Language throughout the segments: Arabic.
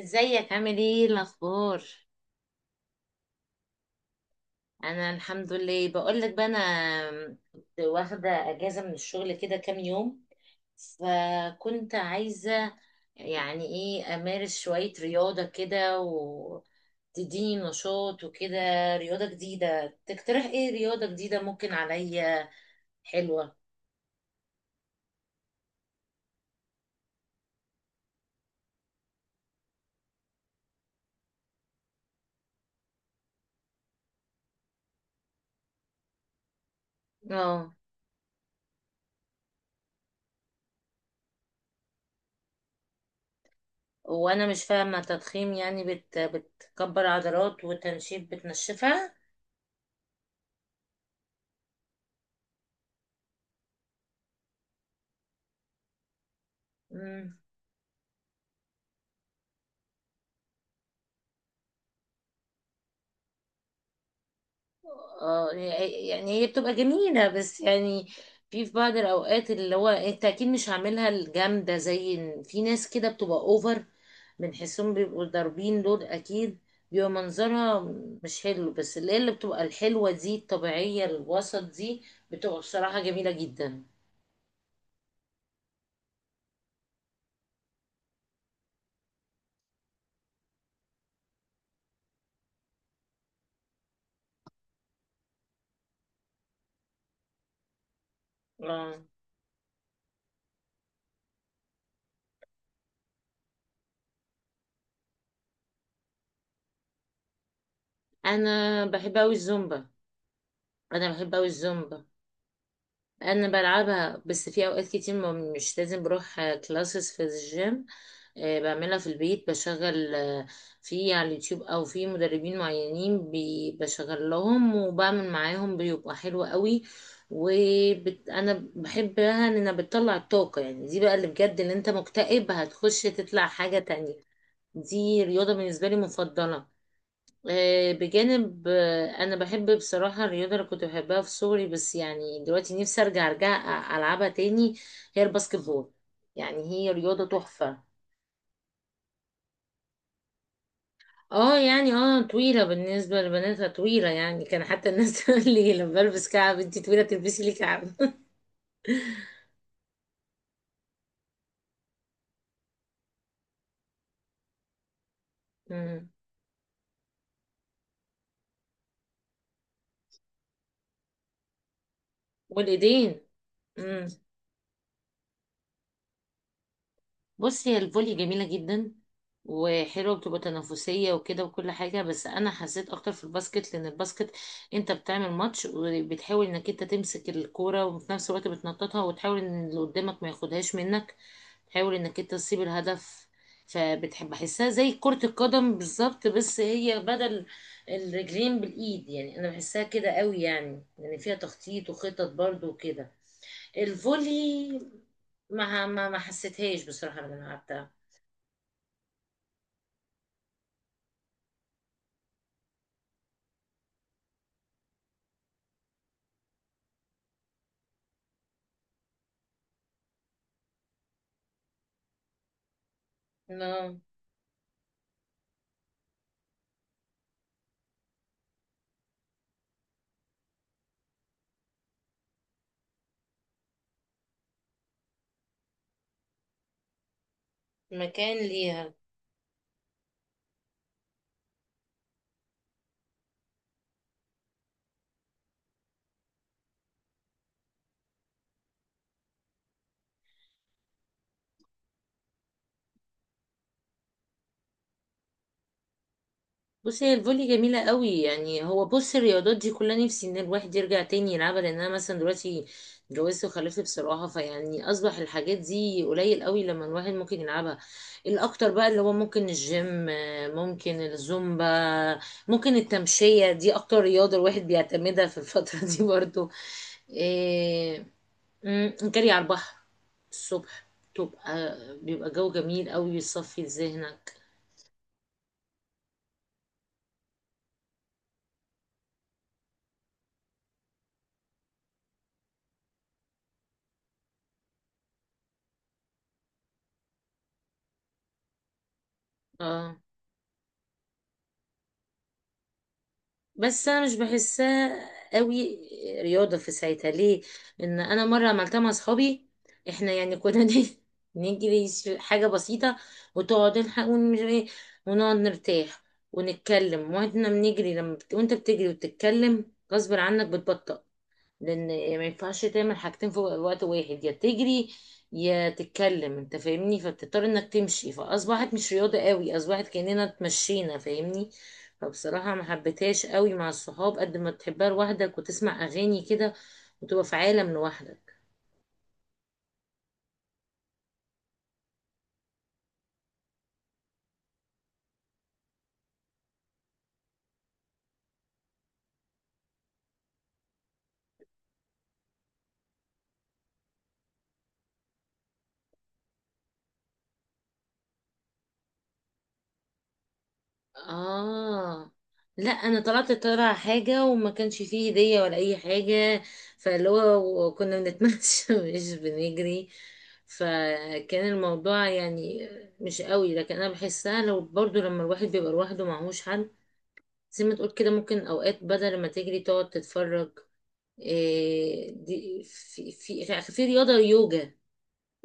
ازيك عامل ايه الاخبار؟ انا الحمد لله. بقول لك بقى، انا كنت واخده اجازه من الشغل كده كام يوم، فكنت عايزه يعني ايه امارس شويه رياضه كده وتديني نشاط وكده. رياضه جديده، تقترح ايه رياضه جديده ممكن عليا حلوه. اه. وانا مش فاهمه تضخيم يعني بتكبر عضلات، وتنشيف بتنشفها. اه يعني هي بتبقى جميلة بس يعني في بعض الأوقات اللي هو انت أكيد مش هعملها الجامدة، زي إن في ناس كده بتبقى أوفر، بنحسهم بيبقوا ضاربين دول أكيد. بيبقى منظرها مش حلو، بس اللي هي اللي بتبقى الحلوة دي الطبيعية الوسط دي بتبقى بصراحة جميلة جدا. اه. أنا بحب أوي الزومبا. أنا بحب أوي الزومبا، انا بلعبها بس في اوقات كتير ما مش لازم بروح كلاسز في الجيم. بعملها في البيت، بشغل في على اليوتيوب او في مدربين معينين، بشغل لهم وبعمل معاهم بيبقى حلو قوي. وانا بحبها ان انا بتطلع الطاقة يعني دي بقى اللي بجد اللي انت مكتئب هتخش تطلع حاجة تانية. دي رياضة بالنسبة لي مفضلة. بجانب انا بحب بصراحه الرياضه اللي كنت بحبها في صغري، بس يعني دلوقتي نفسي ارجع ارجع العبها تاني. هي الباسكت بول، يعني هي رياضه تحفه. اه يعني اه طويله، بالنسبه لبناتها طويله يعني، كان حتى الناس تقول لي لما بلبس كعب: انتي طويله تلبسي لي كعب مم. والايدين. بصي هي الفولي جميلة جدا وحلوة، بتبقى تنافسية وكده وكل حاجة، بس أنا حسيت أكتر في الباسكت لأن الباسكت أنت بتعمل ماتش وبتحاول إنك أنت تمسك الكورة وفي نفس الوقت بتنططها، وتحاول إن اللي قدامك ما ياخدهاش منك، تحاول إنك أنت تصيب الهدف. فبتحب أحسها زي كرة القدم بالظبط، بس هي بدل الرجلين بالإيد. يعني أنا بحسها كده قوي، يعني يعني فيها تخطيط وخطط برضو وكده. الفولي ما حسيتهاش بصراحة لما أنا لعبتها. لا، مكان ليها. بصي هي الفولي جميلة قوي، يعني هو بص الرياضات دي كلها نفسي ان الواحد يرجع تاني يلعبها، لان انا مثلا دلوقتي اتجوزت وخلفت بصراحة، فيعني اصبح الحاجات دي قليل قوي لما الواحد ممكن يلعبها. الاكتر بقى اللي هو ممكن الجيم، ممكن الزومبا، ممكن التمشية، دي اكتر رياضة الواحد بيعتمدها في الفترة دي برضو. إيه، جري على البحر الصبح تبقى بيبقى جو جميل قوي، بيصفي ذهنك. اه بس انا مش بحسها قوي رياضه في ساعتها، ليه؟ ان انا مره عملتها مع اصحابي، احنا يعني كنا نيجي نجري حاجه بسيطه، وتقعد نلحق مش إيه، ونقعد نرتاح ونتكلم واحنا بنجري، وانت بتجري وتتكلم غصب عنك بتبطأ، لان ما ينفعش تعمل حاجتين في وقت واحد، يا تجري يا تتكلم، انت فاهمني. فبتضطر انك تمشي، فاصبحت مش رياضة قوي، اصبحت كاننا اتمشينا، فاهمني. فبصراحة ما حبيتهاش قوي مع الصحاب قد ما تحبها لوحدك وتسمع اغاني كده وتبقى في عالم لوحدك. اه لا انا طلعت طالعه حاجه وما كانش فيه هديه ولا اي حاجه، فاللي هو كنا بنتمشى مش بنجري، فكان الموضوع يعني مش قوي. لكن انا بحسها لو برضو لما الواحد بيبقى لوحده معهوش حد، زي ما تقول كده ممكن اوقات بدل ما تجري تقعد تتفرج. إيه دي في رياضه يوجا،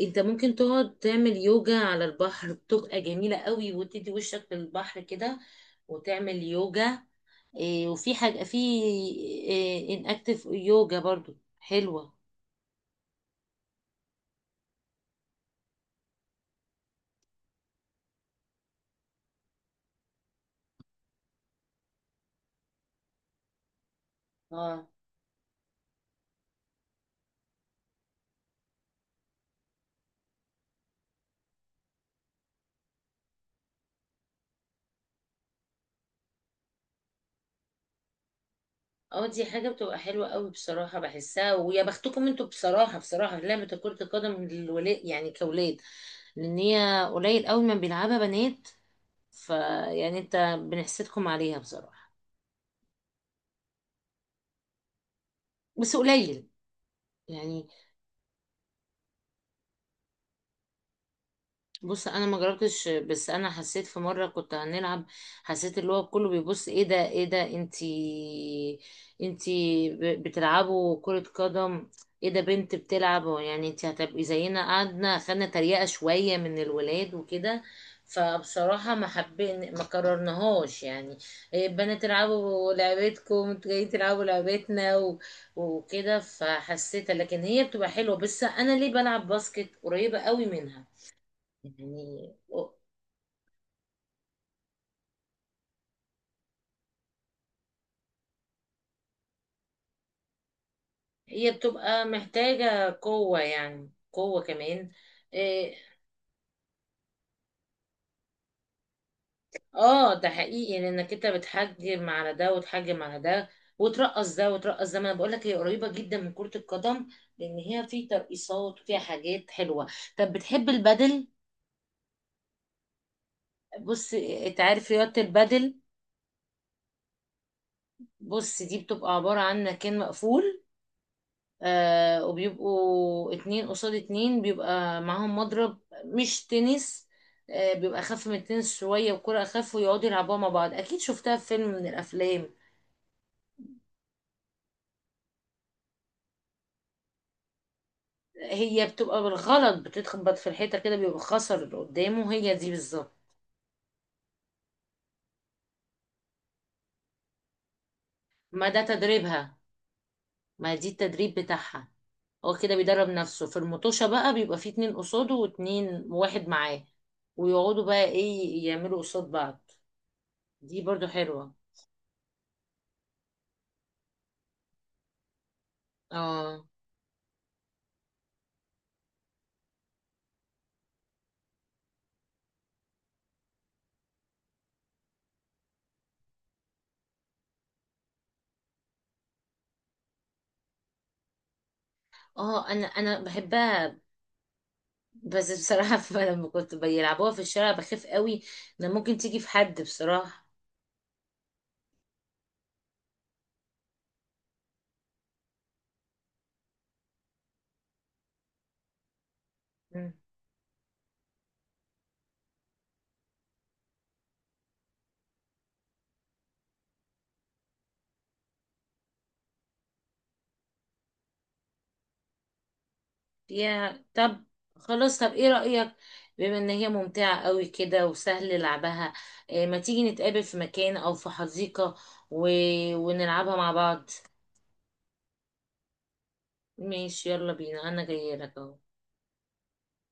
انت ممكن تقعد تعمل يوجا على البحر، بتبقى جميلة قوي، وتدي وشك للبحر كده وتعمل يوجا. إيه وفي حاجة في إيه ان اكتف يوجا برضو حلوة. اه اه، دي حاجة بتبقى حلوة قوي بصراحة، بحسها ويا بختكم انتوا بصراحة، بصراحة في لعبة كرة القدم للولاد يعني كأولاد، لان هي قليل قوي ما بيلعبها بنات، فيعني انت بنحسدكم عليها بصراحة. بس قليل يعني. بص انا ما جربتش، بس انا حسيت في مره كنت هنلعب، حسيت اللي هو كله بيبص: ايه ده ايه ده انتي، انتي بتلعبوا كره قدم؟ ايه ده بنت بتلعب؟ هو يعني انتي هتبقي زينا؟ قعدنا خدنا تريقه شويه من الولاد وكده، فبصراحه ما قررناهاش يعني، إيه بنات تلعبوا لعبتكم، انتوا جايين تلعبوا لعبتنا و... وكده، فحسيتها. لكن هي بتبقى حلوه، بس انا ليه بلعب باسكت؟ قريبه قوي منها يعني، هي بتبقى محتاجة قوة، يعني قوة كمان. إيه، اه ده حقيقي، لانك انت بتحجم على ده وتحجم على ده، وترقص ده وترقص ده، ما انا بقول لك هي قريبة جدا من كرة القدم، لان هي في ترقيصات وفيها حاجات حلوة. طب بتحب البدل؟ بص إيه، انت عارف رياضة البدل؟ بص دي بتبقى عبارة عن مكان مقفول، وبيبقوا اتنين قصاد اتنين بيبقى معاهم مضرب مش تنس، بيبقى أخف من التنس شوية، وكرة أخف، ويقعدوا يلعبوها مع بعض، أكيد شفتها في فيلم من الأفلام. هي بتبقى بالغلط بتتخبط في الحيطة كده بيبقى خسر اللي قدامه، هي دي بالظبط. ما ده تدريبها، ما دي التدريب بتاعها، هو كده بيدرب نفسه في المطوشة بقى بيبقى فيه اتنين قصاده واتنين، واحد معاه ويقعدوا بقى ايه يعملوا قصاد بعض. دي برضو حلوة. اه اه انا بحبها. بس بصراحة لما كنت بيلعبوها في الشارع بخاف قوي ان ممكن تيجي في حد بصراحة. مم. فيها طب، خلاص طب ايه رأيك، بما ان هي ممتعة قوي كده وسهل لعبها، إيه ما تيجي نتقابل في مكان او في حديقة و... ونلعبها مع بعض. ماشي، يلا بينا، انا جاية لك اهو.